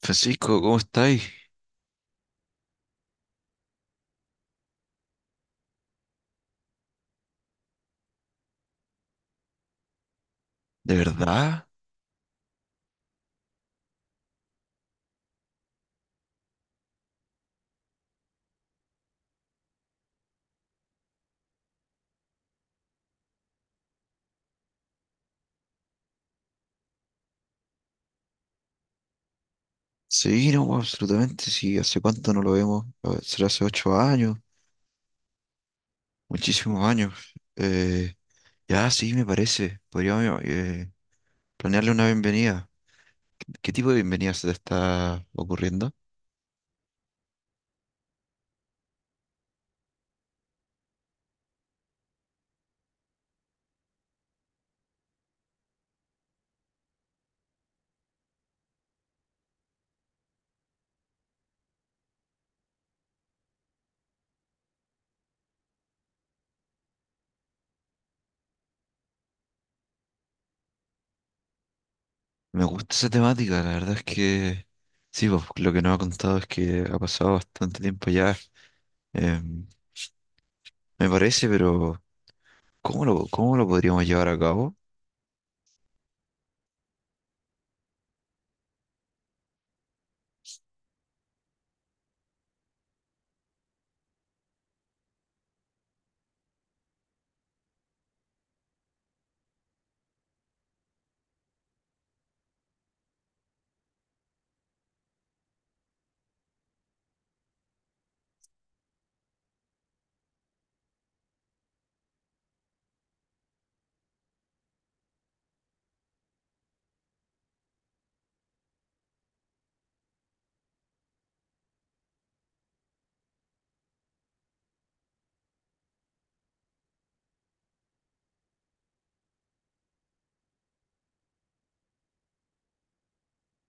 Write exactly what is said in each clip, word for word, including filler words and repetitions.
Francisco, ¿cómo estáis? ¿De verdad? Sí, no, pues, absolutamente, sí. ¿Hace cuánto no lo vemos? A ver, Será hace ocho años, muchísimos años. Eh, ya, sí, me parece. Podríamos eh, planearle una bienvenida. ¿Qué tipo de bienvenida se te está ocurriendo? Me gusta esa temática, la verdad es que sí, pues, lo que nos ha contado es que ha pasado bastante tiempo ya. Em, me parece, pero ¿cómo lo, cómo lo podríamos llevar a cabo?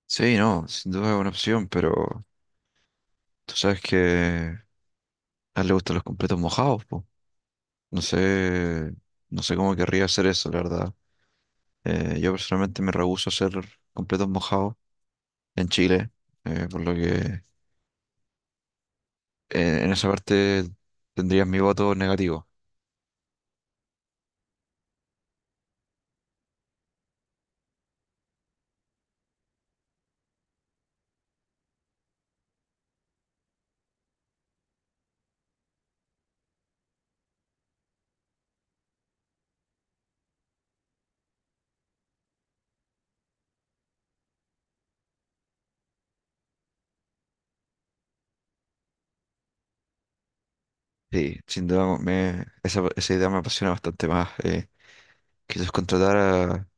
Sí, no, sin duda es una opción, pero tú sabes que A él le gustan los completos mojados, po. No sé, no sé cómo querría hacer eso, la verdad. Eh, yo personalmente me rehúso a hacer completos mojados en Chile, eh, por lo que eh, en esa parte tendrías mi voto negativo. Sí, sin duda me, esa, esa idea me apasiona bastante más. Eh, quizás contratar a,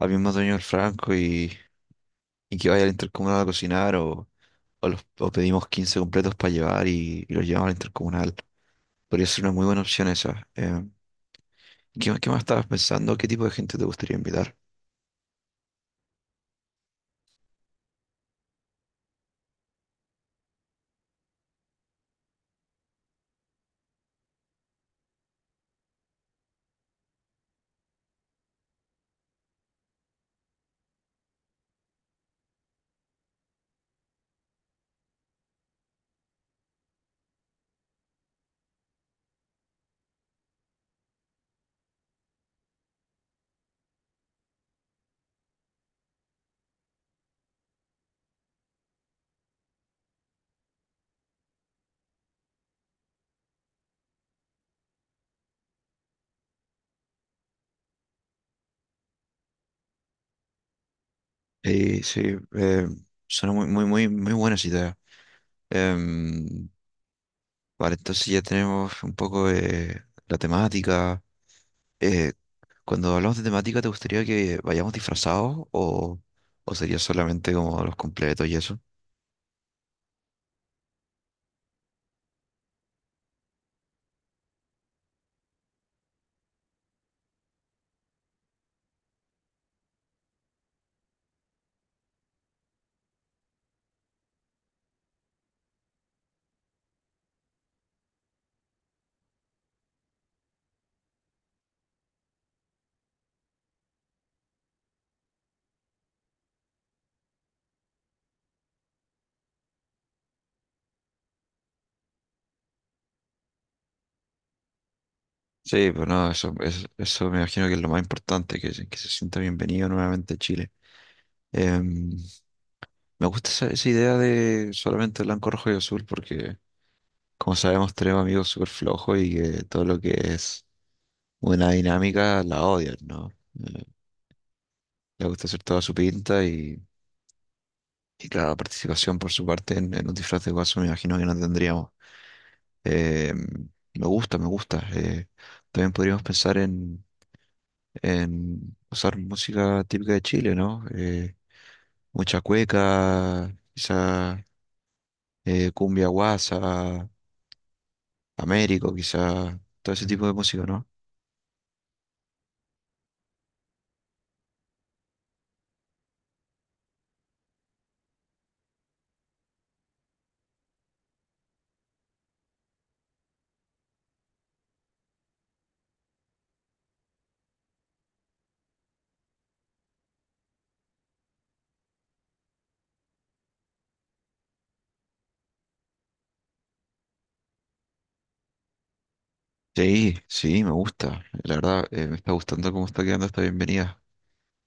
al mismo dueño del Franco y, y que vaya al intercomunal a cocinar o, o, los, o pedimos quince completos para llevar y, y los llevamos al intercomunal. Podría ser una muy buena opción esa. Eh, ¿Qué, qué más estabas pensando? ¿Qué tipo de gente te gustaría invitar? Eh, sí, eh, suena muy, muy, muy, muy buenas ideas. Em, vale, entonces ya tenemos un poco eh, la temática. Eh, cuando hablamos de temática, ¿te gustaría que vayamos disfrazados o, o sería solamente como los completos y eso? Sí, pero no, eso, es- eso me imagino que es lo más importante, que, se- que se sienta bienvenido nuevamente a Chile. Em, me gusta esa, esa idea de solamente blanco, rojo y azul porque... Como sabemos, tenemos amigos súper flojos y que todo lo que es una dinámica la odian, ¿no? Eh, Les gusta hacer toda su pinta y, y claro, la participación por su parte en, en un disfraz de guaso me imagino que no tendríamos. Eh, me gusta, me gusta. Eh, también podríamos pensar en, en usar música típica de Chile, ¿no? Eh, mucha cueca, quizá eh, cumbia guasa, Américo, quizá todo ese tipo de música, ¿no? Sí, sí, me gusta. La verdad, eh, me está gustando cómo está quedando esta bienvenida.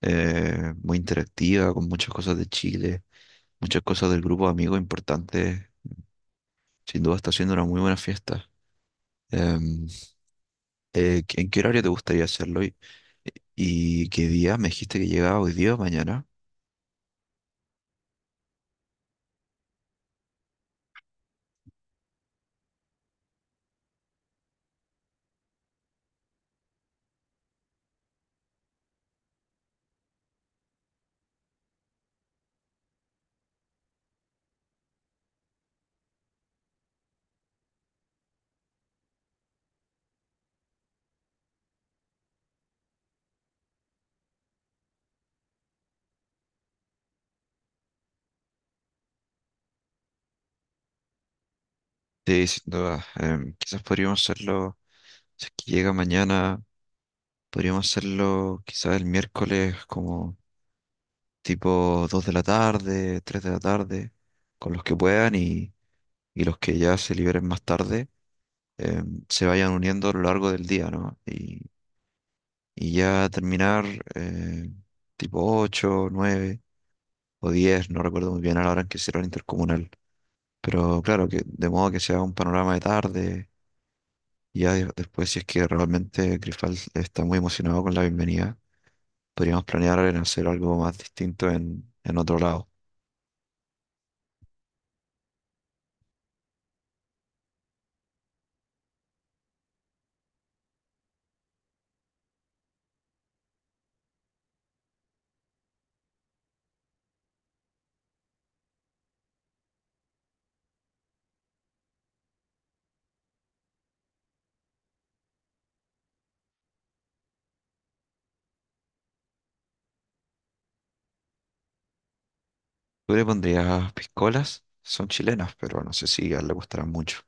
Eh, muy interactiva, con muchas cosas de Chile, muchas cosas del grupo de amigos importantes. Sin duda está siendo una muy buena fiesta. Em, eh, ¿en qué horario te gustaría hacerlo? ¿Y, y qué día? Me dijiste que llegaba hoy día o mañana. Sí, sin duda. Em, quizás podríamos hacerlo, si es que llega mañana, podríamos hacerlo quizás el miércoles como tipo dos de la tarde, tres de la tarde, con los que puedan y y los que ya se liberen más tarde eh, se vayan uniendo a lo largo del día, ¿no? Y, y ya terminar eh, tipo ocho nueve o diez, no recuerdo muy bien a la hora en que será el intercomunal. Pero claro, que de modo que sea un panorama de tarde, y ya de- después, si es que realmente Grifal está muy emocionado con la bienvenida, podríamos planear en hacer algo más distinto en, en otro lado. Tú le pondrías piscolas, son chilenas, pero no sé si a él le gustarán mucho.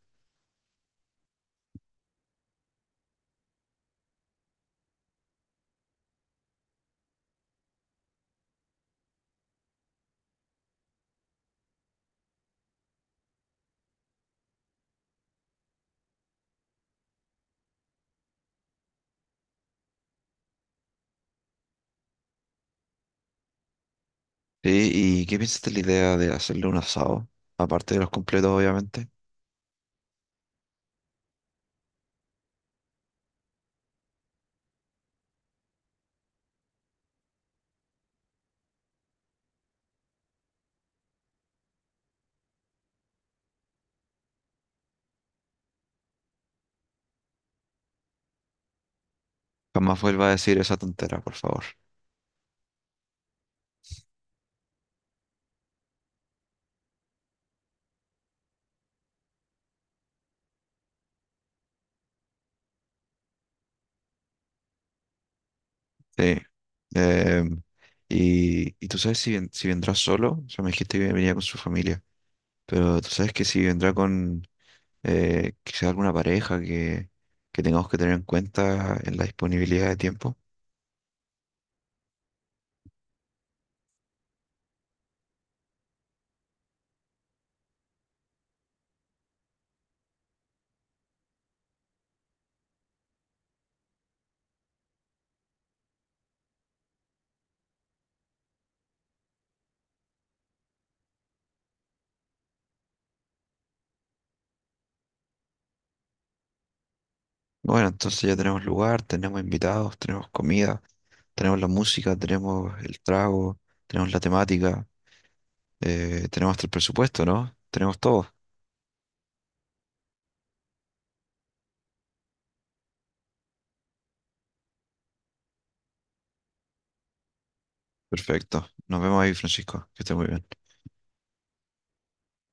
Sí, ¿y qué piensas de la idea de hacerle un asado? Aparte de los completos, obviamente. Jamás vuelva a decir esa tontera, por favor. Sí. eh, y, y tú sabes si, ven- si vendrá solo, o sea, me dijiste que venía con su familia, pero tú sabes que si vendrá con eh, quizá alguna pareja que, que tengamos que tener en cuenta en la disponibilidad de tiempo. Bueno, entonces ya tenemos lugar, tenemos invitados, tenemos comida, tenemos la música, tenemos el trago, tenemos la temática. Eh, tenemos hasta el presupuesto, ¿no? Tenemos todo. Perfecto. Nos vemos ahí, Francisco. Que esté muy bien.